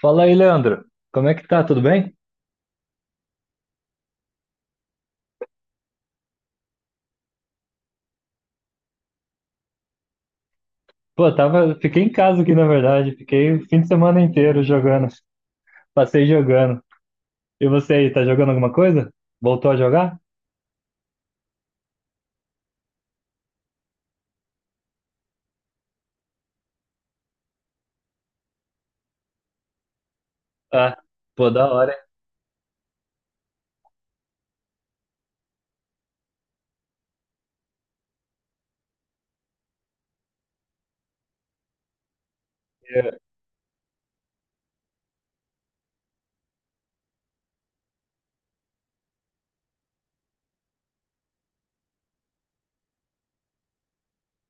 Fala aí, Leandro. Como é que tá? Tudo bem? Pô, tava, fiquei em casa aqui, na verdade. Fiquei o fim de semana inteiro jogando. Passei jogando. E você aí, tá jogando alguma coisa? Voltou a jogar? Ah, pô, da hora.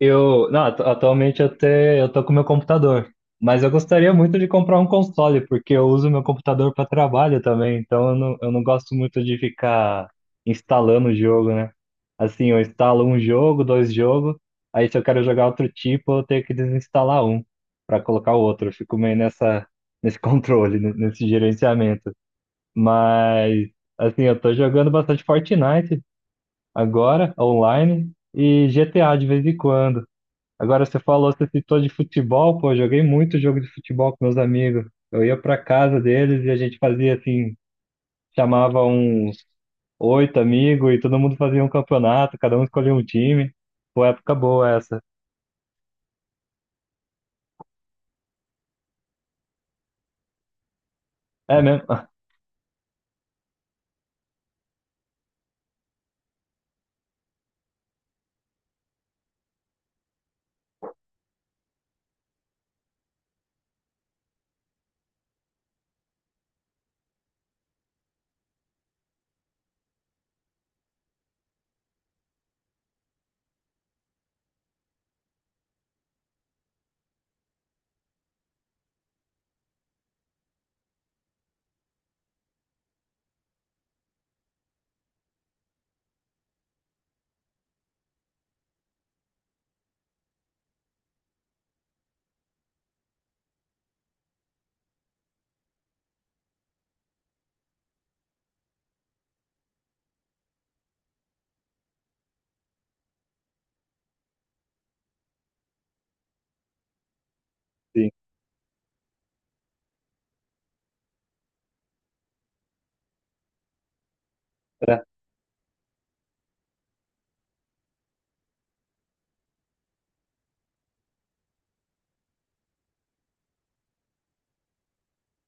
Eu, não, atu- Atualmente eu tô com meu computador, mas eu gostaria muito de comprar um console, porque eu uso meu computador para trabalho também, então eu não gosto muito de ficar instalando o jogo, né? Assim, eu instalo um jogo, dois jogos, aí se eu quero jogar outro tipo, eu tenho que desinstalar um para colocar o outro. Eu fico meio nessa, nesse controle, nesse gerenciamento. Mas, assim, eu tô jogando bastante Fortnite agora, online, e GTA de vez em quando. Agora você falou, você citou de futebol, pô, eu joguei muito jogo de futebol com meus amigos. Eu ia pra casa deles e a gente fazia assim, chamava uns 8 amigos e todo mundo fazia um campeonato, cada um escolhia um time. Pô, época boa essa. É mesmo? Sim. É,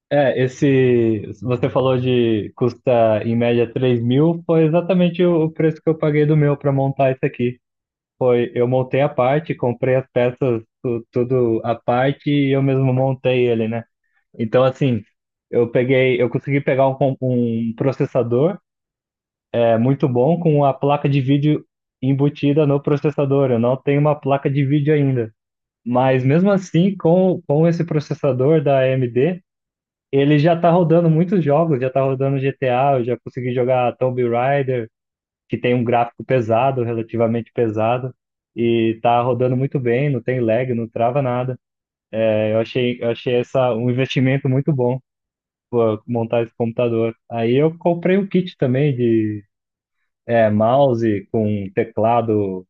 Esse, você falou de custa em média 3 mil, foi exatamente o preço que eu paguei do meu para montar isso aqui. Foi, eu montei a parte, comprei as peças, tudo a parte e eu mesmo montei ele, né? Então, assim, eu peguei, eu consegui pegar um processador é muito bom com a placa de vídeo embutida no processador. Eu não tenho uma placa de vídeo ainda. Mas mesmo assim, com esse processador da AMD, ele já tá rodando muitos jogos, já tá rodando GTA, eu já consegui jogar Tomb Raider, que tem um gráfico pesado, relativamente pesado, e tá rodando muito bem, não tem lag, não trava nada. Eu achei essa um investimento muito bom. Pô, montar esse computador. Aí eu comprei um kit também de mouse com teclado.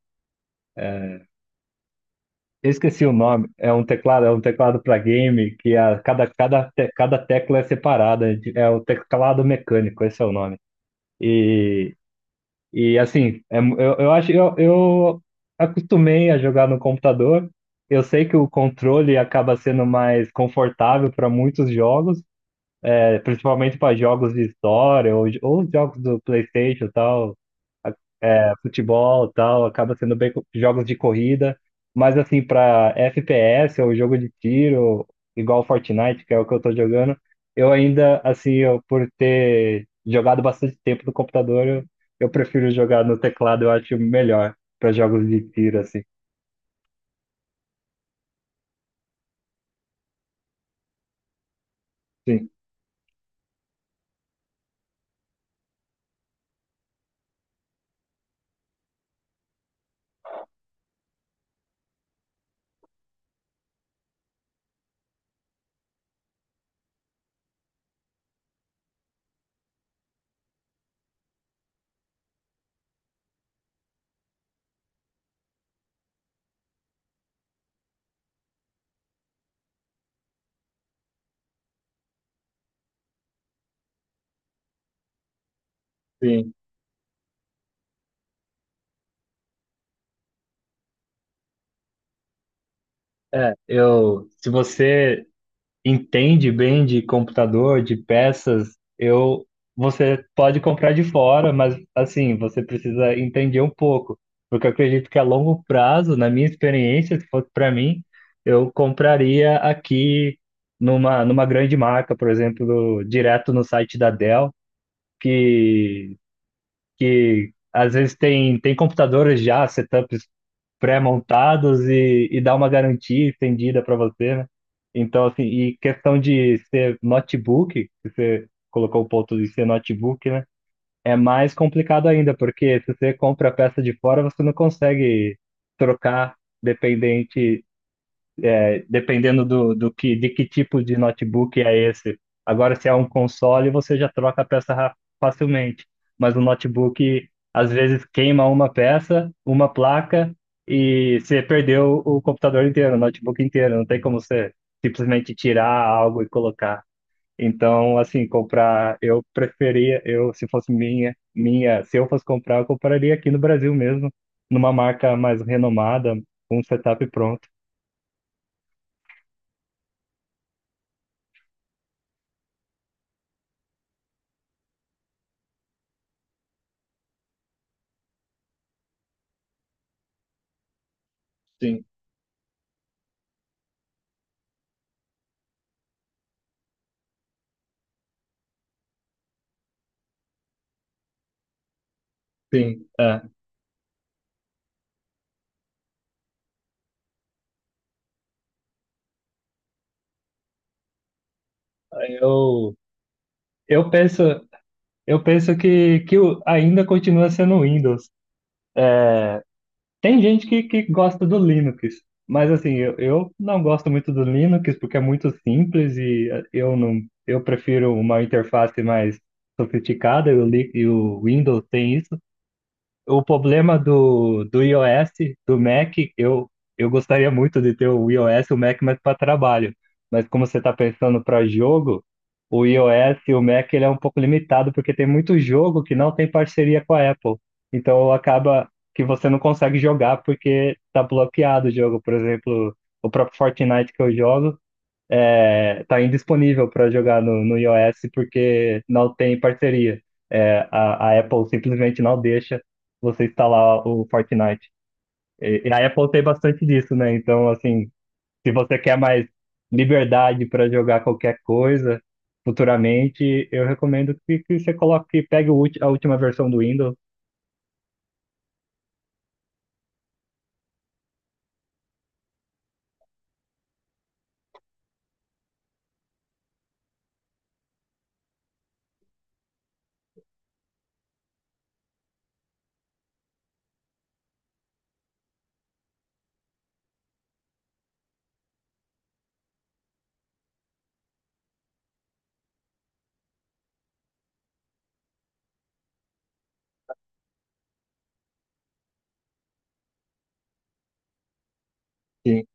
Eu esqueci o nome. É um teclado para game que a, cada, cada, te- cada tecla é separada. É o teclado mecânico, esse é o nome. E, e assim, eu acho eu acostumei a jogar no computador. Eu sei que o controle acaba sendo mais confortável para muitos jogos, principalmente para jogos de história ou jogos do PlayStation e tal. Futebol e tal, acaba sendo jogos de corrida, mas assim, para FPS ou jogo de tiro, igual Fortnite, que é o que eu tô jogando, eu ainda, assim, eu, por ter jogado bastante tempo no computador, eu prefiro jogar no teclado, eu acho melhor para jogos de tiro, assim. Sim, sim. É, eu, se você entende bem de computador, de peças, eu você pode comprar de fora, mas assim, você precisa entender um pouco, porque eu acredito que a longo prazo, na minha experiência, se fosse para mim, eu compraria aqui numa grande marca, por exemplo, direto no site da Dell, que que às vezes tem computadores já, setups pré-montados e dá uma garantia estendida para você, né? Então, assim, e questão de ser notebook, que você colocou o ponto de ser notebook, né? É mais complicado ainda, porque se você compra a peça de fora, você não consegue trocar dependente dependendo de que tipo de notebook é esse. Agora, se é um console, você já troca a facilmente. Mas o notebook, às vezes, queima uma peça, uma placa, e você perdeu o computador inteiro, o notebook inteiro. Não tem como você simplesmente tirar algo e colocar. Então, assim, comprar, eu preferia, eu, se fosse se eu fosse comprar, eu compraria aqui no Brasil mesmo, numa marca mais renomada, com um setup pronto. Sim, sim. É. Eu, eu penso, eu penso ainda continua sendo o Windows. Tem gente que gosta do Linux, mas assim, eu não gosto muito do Linux porque é muito simples e eu não, eu prefiro uma interface mais sofisticada e o Windows tem isso. O problema do iOS, do Mac, eu gostaria muito de ter o iOS e o Mac mais para trabalho. Mas como você está pensando para jogo, o iOS e o Mac ele é um pouco limitado, porque tem muito jogo que não tem parceria com a Apple. Então acaba que você não consegue jogar porque está bloqueado o jogo. Por exemplo, o próprio Fortnite que eu jogo, tá indisponível para jogar no iOS porque não tem parceria. É, a Apple simplesmente não deixa você instalar o Fortnite. E a Apple tem bastante disso, né? Então, assim, se você quer mais liberdade para jogar qualquer coisa futuramente, eu recomendo que você coloque, que pegue o a última versão do Windows. Sim.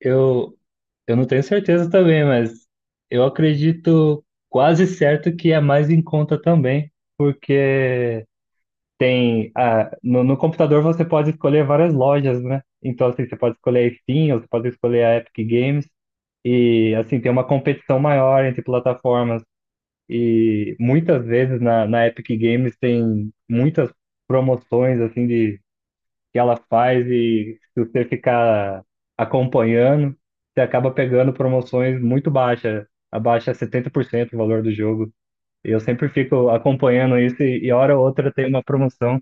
Eu, eu não tenho certeza também, mas eu acredito quase certo que é mais em conta também, porque tem, ah, no computador você pode escolher várias lojas, né? Então, assim, você pode escolher a Steam, ou você pode escolher a Epic Games, e, assim, tem uma competição maior entre plataformas. E muitas vezes na Epic Games tem muitas promoções, assim, de, que ela faz, e se você ficar acompanhando, você acaba pegando promoções muito baixas, abaixo 70% do valor do jogo. E eu sempre fico acompanhando isso, e hora ou outra tem uma promoção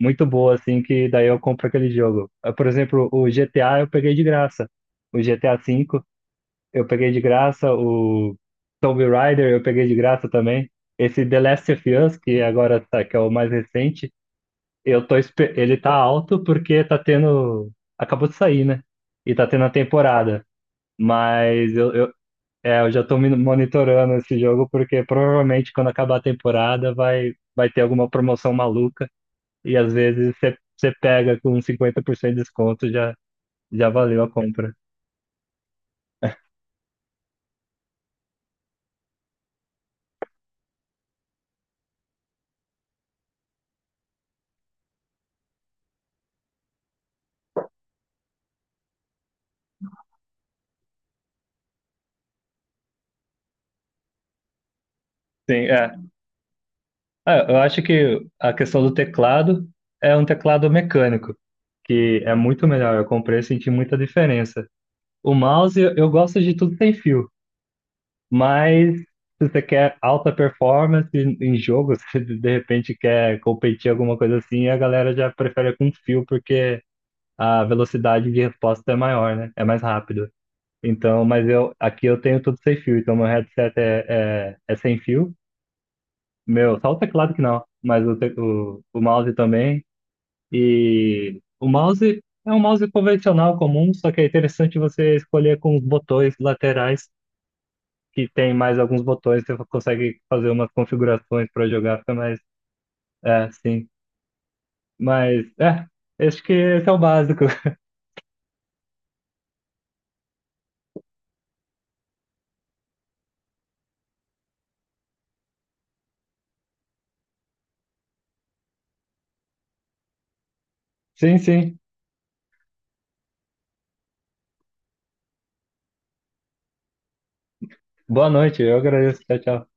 muito boa, assim, que daí eu compro aquele jogo. Ah, por exemplo, o GTA eu peguei de graça. O GTA V eu peguei de graça. O Tomb Raider eu peguei de graça também. Esse The Last of Us, que agora tá, que é o mais recente, ele tá alto porque tá tendo. Acabou de sair, né? E tá tendo a temporada. Mas eu, é, eu já tô me monitorando esse jogo porque provavelmente quando acabar a temporada vai, vai ter alguma promoção maluca. E às vezes você pega com 50% de desconto, já, já valeu a compra. Sim, é. Ah, eu acho que a questão do teclado é um teclado mecânico, que é muito melhor. Eu comprei e senti muita diferença. O mouse, eu gosto de tudo sem fio, mas se você quer alta performance em jogo, se de repente quer competir alguma coisa assim, a galera já prefere com fio, porque a velocidade de resposta é maior, né? É mais rápido. Então, mas eu aqui eu tenho tudo sem fio, então meu headset é sem fio. Meu, só o teclado que não, mas o mouse também. E o mouse é um mouse convencional comum, só que é interessante você escolher com os botões laterais, que tem mais alguns botões, você consegue fazer umas configurações para jogar, fica mais. É, sim. Mas, é, acho que esse é o básico. Sim, sim. Boa noite, eu agradeço. Tchau, tchau.